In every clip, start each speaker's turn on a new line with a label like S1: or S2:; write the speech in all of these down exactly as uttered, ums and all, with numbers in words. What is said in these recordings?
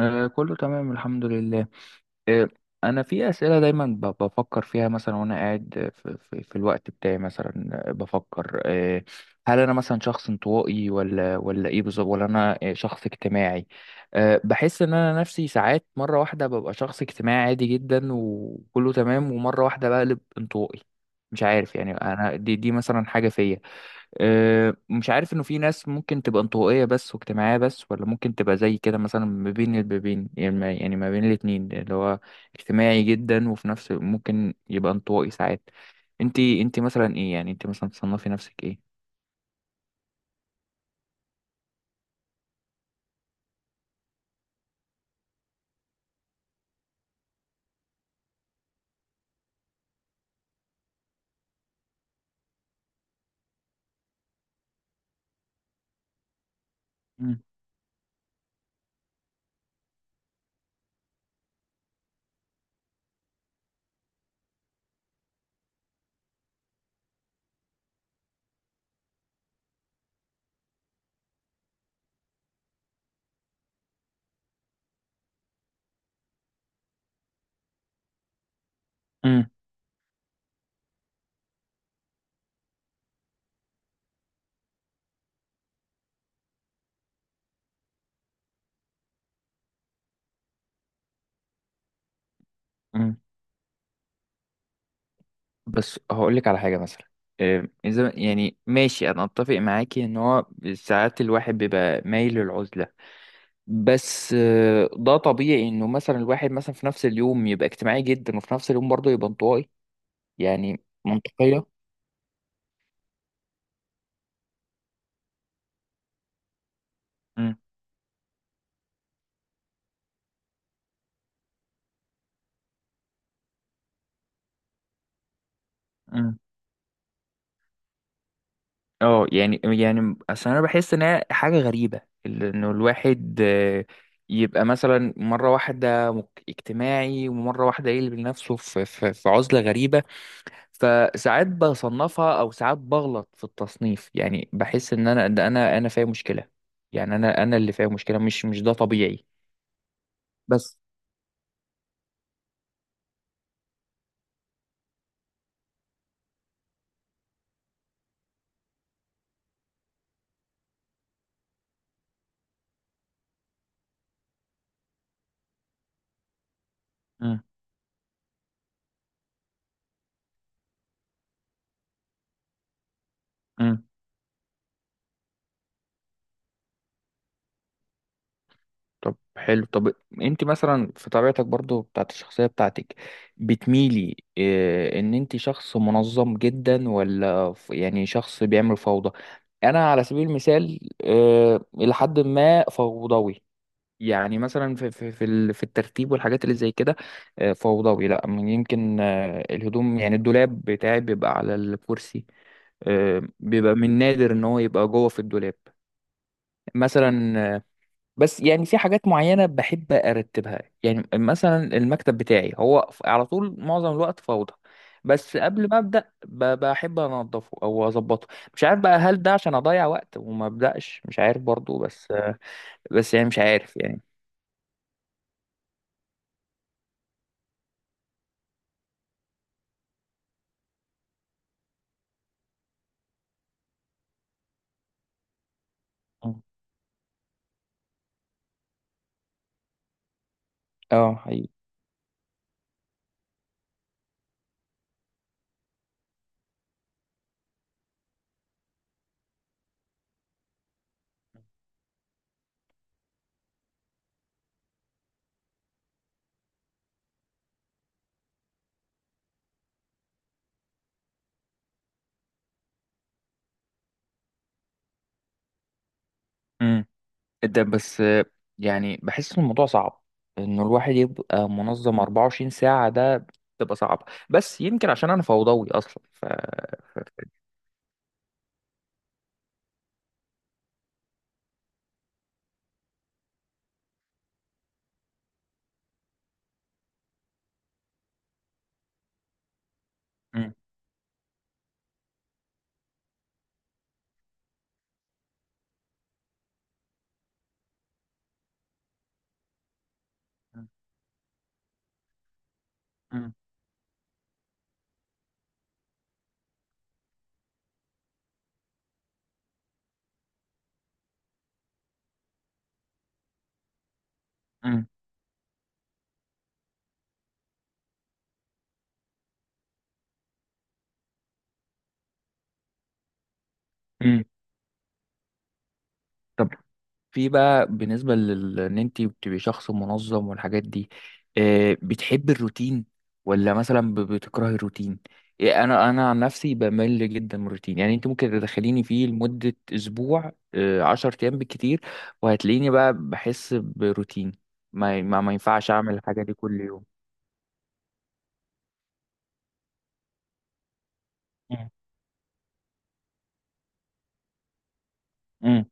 S1: آه، كله تمام، الحمد لله. إيه، انا في اسئله دايما ب- بفكر فيها مثلا، وانا قاعد في, في, في الوقت بتاعي مثلا، آه، بفكر آه، هل انا مثلا شخص انطوائي ولا ولا ايه بالظبط، ولا انا آه، شخص اجتماعي؟ آه، بحس ان انا نفسي ساعات مره واحده ببقى شخص اجتماعي عادي جدا وكله تمام، ومره واحده بقلب انطوائي. مش عارف يعني، انا دي دي مثلا حاجه فيا. آه، مش عارف انه في ناس ممكن تبقى انطوائية بس واجتماعية بس، ولا ممكن تبقى زي كده مثلا ما بين البابين، يعني ما يعني ما بين الاتنين، اللي هو اجتماعي جدا وفي نفس ممكن يبقى انطوائي ساعات. انت انت مثلا ايه، يعني انت مثلا تصنفي نفسك ايه؟ مم. مم. مم. بس هقول لك على حاجه مثلا، آه، اذا يعني ماشي، انا اتفق معاكي ان هو ساعات الواحد بيبقى مايل للعزله، بس آه، ده طبيعي انه مثلا الواحد مثلا في نفس اليوم يبقى اجتماعي جدا، وفي نفس اليوم برضه يبقى انطوائي. يعني منطقيه؟ مم. مم. اه يعني يعني اصل انا بحس ان هي حاجه غريبه. ال- انه الواحد آه، يبقى مثلا مره واحده مك- اجتماعي، ومره واحده يقلب نفسه في في في عزله غريبه. فساعات بصنفها، او ساعات بغلط في التصنيف، يعني بحس ان انا ده، انا انا فيا مشكله. يعني انا انا اللي فيا مشكله، مش مش ده طبيعي. بس. مم. طب، حلو، طب، انت مثلا في طبيعتك برضو بتاعت الشخصية بتاعتك، بتميلي اه ان انت شخص منظم جدا، ولا ف- يعني شخص بيعمل فوضى؟ انا على سبيل المثال اه الى حد ما فوضوي. يعني مثلا في في في ال- في الترتيب والحاجات اللي زي كده. اه فوضوي، لا من يمكن اه الهدوم، يعني الدولاب بتاعي بيبقى على الكرسي، آه، بيبقى من نادر ان هو يبقى جوه في الدولاب مثلا. بس يعني في حاجات معينة بحب أرتبها، يعني مثلا المكتب بتاعي هو ف- على طول معظم الوقت فوضى، بس قبل ما أبدأ ب- بحب أنضفه أو أظبطه. مش عارف بقى، هل ده عشان أضيع وقت وما أبدأش؟ مش عارف برضو، بس، بس يعني مش عارف يعني. مم. اه حقيقي. امم. ده بس آه، يعني بحس ان الموضوع صعب، انه الواحد يبقى منظم اربعه وعشرين ساعه ساعة، ده بتبقى صعبة، بس يمكن عشان انا فوضوي اصلا ف ف- مم. مم. مم. طب، في بقى بالنسبة لل... ان انت بتبقي شخص منظم والحاجات دي، آه، بتحبي الروتين، ولا مثلا ب- بتكرهي الروتين؟ إيه، انا انا عن نفسي بمل جدا من الروتين، يعني انت ممكن تدخليني فيه لمدة اسبوع، آه، عشر ايام بالكتير، وهتلاقيني بقى بحس بروتين، ما ما, ما ينفعش اعمل الحاجة دي كل يوم. مم. مم.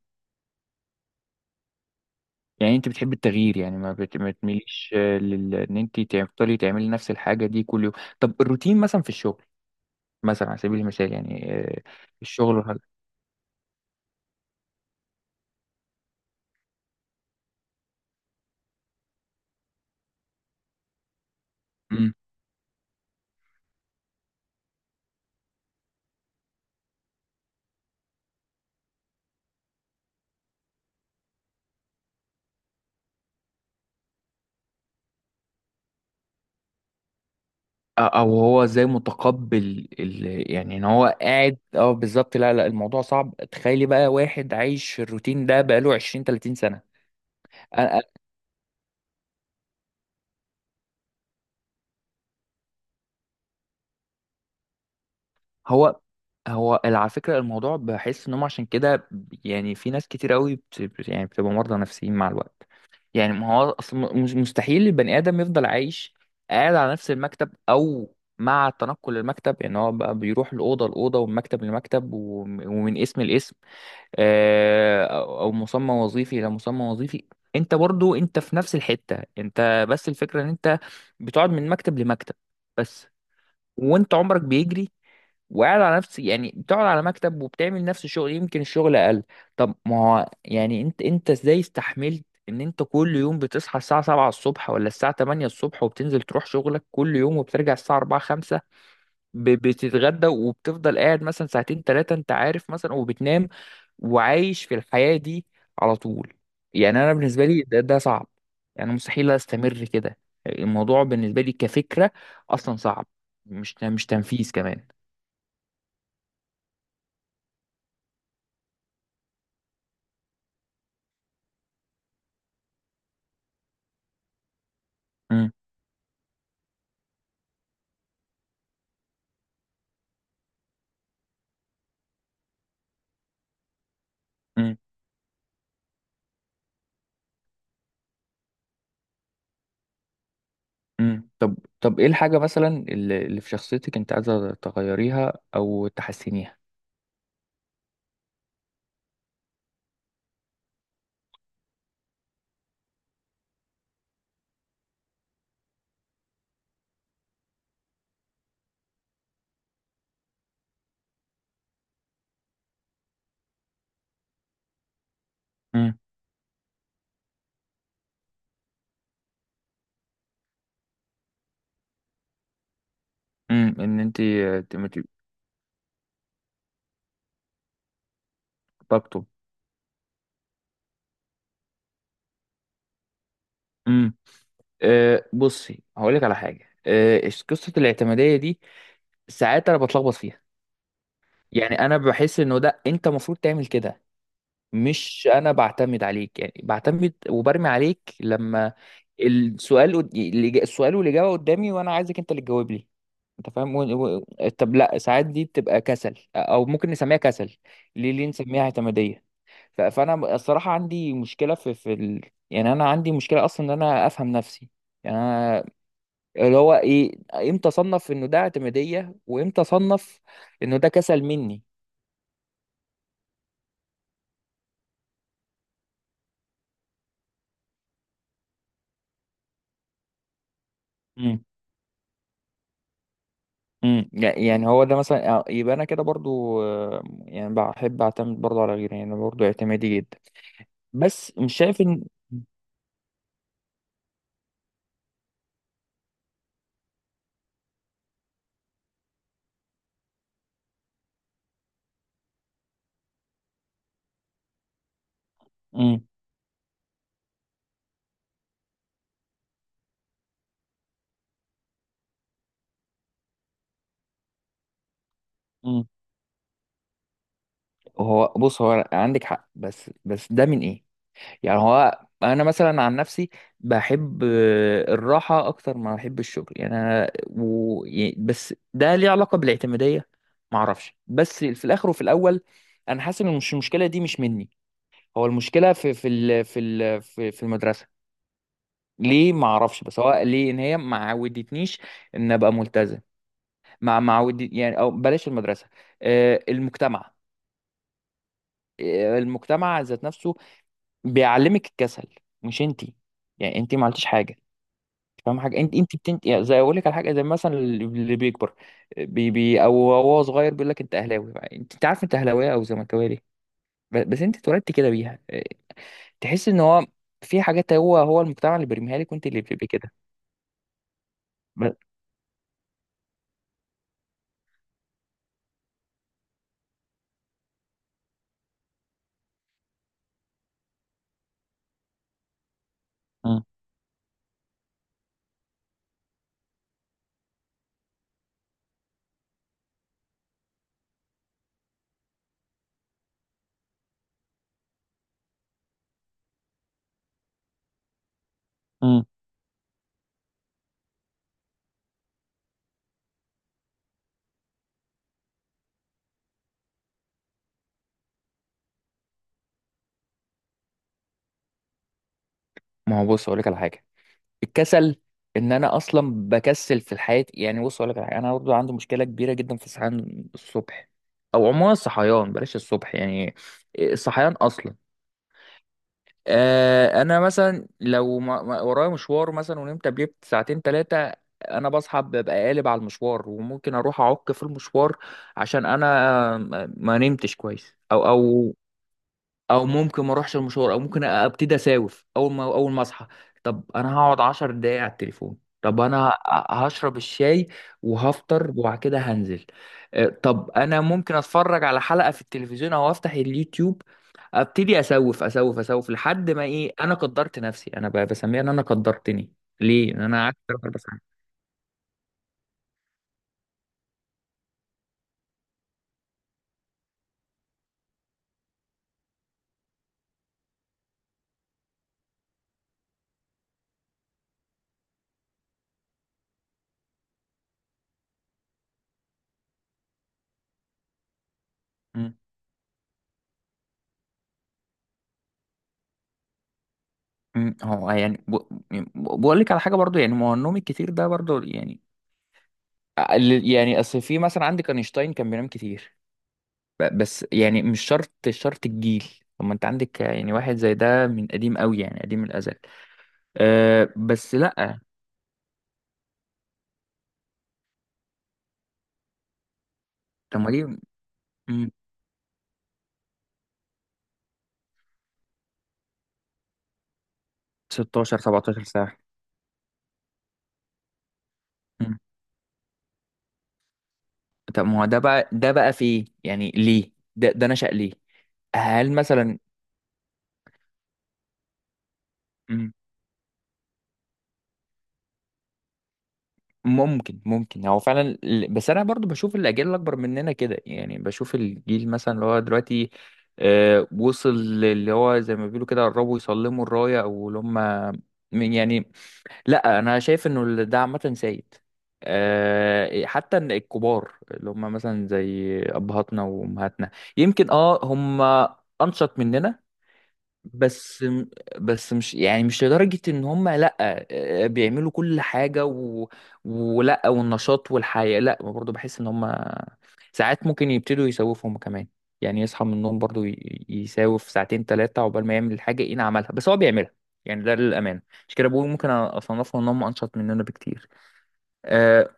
S1: يعني انت بتحبي التغيير، يعني ما, بت... ما تميليش، آه، لل... ان انت تفضلي تعملي نفس الحاجة دي كل يوم؟ طب الروتين مثلا في الشغل، مثلا على سبيل المثال، يعني آه، الشغل والحاجة. مم. او هو ازاي متقبل ال... يعني ان هو قاعد، اه بالظبط، لا لا، الموضوع صعب، تخيلي بقى واحد عايش الروتين ده بقاله عشرين تلاتين سنه سنة. أ- أ- هو هو ال- على فكرة الموضوع، بحس انهم عشان كده، يعني في ناس كتير قوي بت... بت- يعني بتبقى مرضى نفسيين مع الوقت. يعني ما هو اصل م- مش- مستحيل البني ادم يفضل عايش قاعد على نفس المكتب، او مع تنقل المكتب، يعني هو بقى بيروح الاوضه لاوضه، ومن مكتب لمكتب، وم- ومن اسم لاسم، آه، او أو مسمى وظيفي الى مسمى وظيفي. انت برضو، انت في نفس الحته، انت بس الفكره ان انت بتقعد من مكتب لمكتب، بس، وانت عمرك بيجري، وقاعد على نفس، يعني بتقعد على مكتب، وبتعمل نفس الشغل، يمكن الشغل اقل. طب ما هو يعني انت انت ازاي استحملت ان انت كل يوم بتصحى الساعة سبعه الصبح ولا الساعة تمانيه الصبح، وبتنزل تروح شغلك كل يوم، وبترجع الساعة اربعه خمسه، ب- بتتغدى، وبتفضل قاعد مثلا ساعتين ثلاثة، انت عارف مثلا، وبتنام، وعايش في الحياة دي على طول؟ يعني انا بالنسبة لي ده, ده صعب، يعني مستحيل استمر كده. الموضوع بالنسبة لي كفكرة اصلا صعب، مش مش تنفيذ كمان. مم. امم طب، طب، ايه الحاجة مثلا اللي اللي في شخصيتك انت عايزة تغيريها او تحسنيها؟ امم. امم ان انت. طاقته. امم أه بصي هقولك على حاجة، أه إش- قصة الاعتمادية دي ساعات انا بتلخبط فيها، يعني انا بحس انه ده انت المفروض تعمل كده، مش انا بعتمد عليك، يعني بعتمد وبرمي عليك، لما السؤال قد- الإجا- السؤال والاجابه قدامي، وانا عايزك انت اللي تجاوب لي، انت فاهم و... و... طب لا، ساعات دي بتبقى كسل، او ممكن نسميها كسل، ليه ليه نسميها اعتماديه؟ ف... فانا الصراحه عندي مشكله في في ال... يعني انا عندي مشكله اصلا ان انا افهم نفسي، يعني أنا، اللي هو ايه، امتى اصنف انه ده اعتماديه، وامتى اصنف انه ده كسل مني؟ امم. يعني هو ده مثلا آه، يبقى انا كده برضو، آه، يعني بحب اعتمد برضو على غيري، يعني برضو اعتمادي جدا، بس مش شايف ان. امم. امم هو بص، هو عندك حق، بس بس ده من ايه؟ يعني هو انا مثلا عن نفسي بحب آه، الراحة اكتر ما بحب الشغل، يعني انا و... ي- بس ده ليه علاقة بالاعتمادية؟ معرفش، بس في الاخر وفي الاول، انا حاسس ان مش المشكلة دي مش مني، هو المشكلة في في ال... في ال... في في المدرسة ليه ما اعرفش، بس هو ليه ان هي ما عودتنيش ان ابقى ملتزم، ما ما عودت يعني، او بلاش المدرسه، آه، المجتمع، آه، المجتمع ذات نفسه بيعلمك الكسل، مش انتي، يعني انتي ما عملتيش حاجه، فاهم حاجه، انت انت بتنت يعني، زي اقول لك على حاجه، زي مثلا اللي بيكبر بي بي او هو صغير، بيقول لك انت اهلاوي، انت أنت عارف انت اهلاويه او زملكاويه ليه؟ ب- بس انت اتولدت كده بيها، آه، تحس ان هو في حاجات هو هو المجتمع اللي بيرميها لك، وانت اللي بتبقي كده. ب- مم. مم. ما هو بص اقول لك على حاجه، الكسل، ان انا اصلا بكسل في الحياه، يعني بص اقول لك على حاجة، انا برضو عندي مشكله كبيره جدا في الصحيان الصبح، او عموما الصحيان، بلاش الصبح يعني، الصحيان اصلا. آه انا مثلا لو ما- ما- ورايا مشوار مثلا، ونمت قبليه ساعتين ثلاثه، انا بصحى ببقى قالب على المشوار، وممكن اروح اعك في المشوار عشان انا ما ما نمتش كويس او او، او ممكن ما اروحش المشوار، او ممكن ابتدي اساوف اول ما اول ما اصحى. طب انا هقعد 10 دقايق على التليفون، طب انا ه- هشرب الشاي، وهفطر، وبعد كده هنزل. آه، طب انا ممكن اتفرج على حلقة في التلفزيون، او افتح اليوتيوب، ابتدي اسوف اسوف اسوف لحد ما ايه، انا قدرت نفسي، انا ب- بسميها ان انا قدرتني، ليه ان انا قعدت ثلاث اربع ساعات. مم. مم. هو يعني ب... بقول لك على حاجه برضو يعني، ما هو النوم الكتير ده برضو يعني، ال- يعني اصل في مثلا، عندك اينشتاين كان بينام كتير، ب- بس يعني مش شرط شرط الجيل. طب ما انت عندك يعني واحد زي ده من قديم قوي، يعني قديم الازل. أه بس لا. طب ما دي. مم. ستاشر سبعتاشر ساعه ساعة. مم. طب ما هو ده بقى ده بقى في ايه، يعني ليه ده ده نشأ ليه؟ هل مثلا. مم. ممكن ممكن هو فعلا ال- بس انا برضو بشوف الاجيال الاكبر مننا كده، يعني بشوف الجيل مثلا اللي هو دلوقتي أه وصل، اللي هو زي ما بيقولوا كده قربوا يسلموا الراية، او اللي هم من- يعني، لا انا شايف انه ال- ده عامه سيد، أه حتى إن الكبار اللي هم مثلا زي ابهاتنا وامهاتنا، يمكن اه هم انشط مننا، بس، بس مش يعني، مش لدرجة ان هم لا، آه، بيعملوا كل حاجة و... ولا والنشاط والحياة، لا برضه بحس ان هم ساعات ممكن يبتدوا يسوفوا هم كمان، يعني يصحى من النوم برضه ي... يساوف ساعتين ثلاثة عقبال ما يعمل الحاجة، ايه عملها، بس هو بيعملها، يعني ده للأمانة. عشان كده بقول ممكن اصنفهم ان هم انشط مننا بكتير. أه...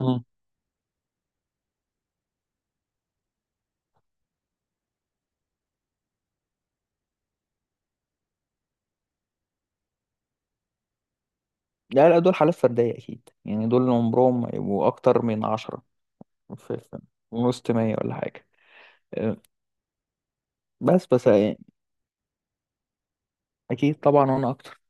S1: مم. لا لا، دول حالات فردية أكيد، يعني دول عمرهم ما يبقوا أكتر من عشرة في في وسط مية ولا حاجة. أه، بس بس اكيد طبعا، وانا اكتر.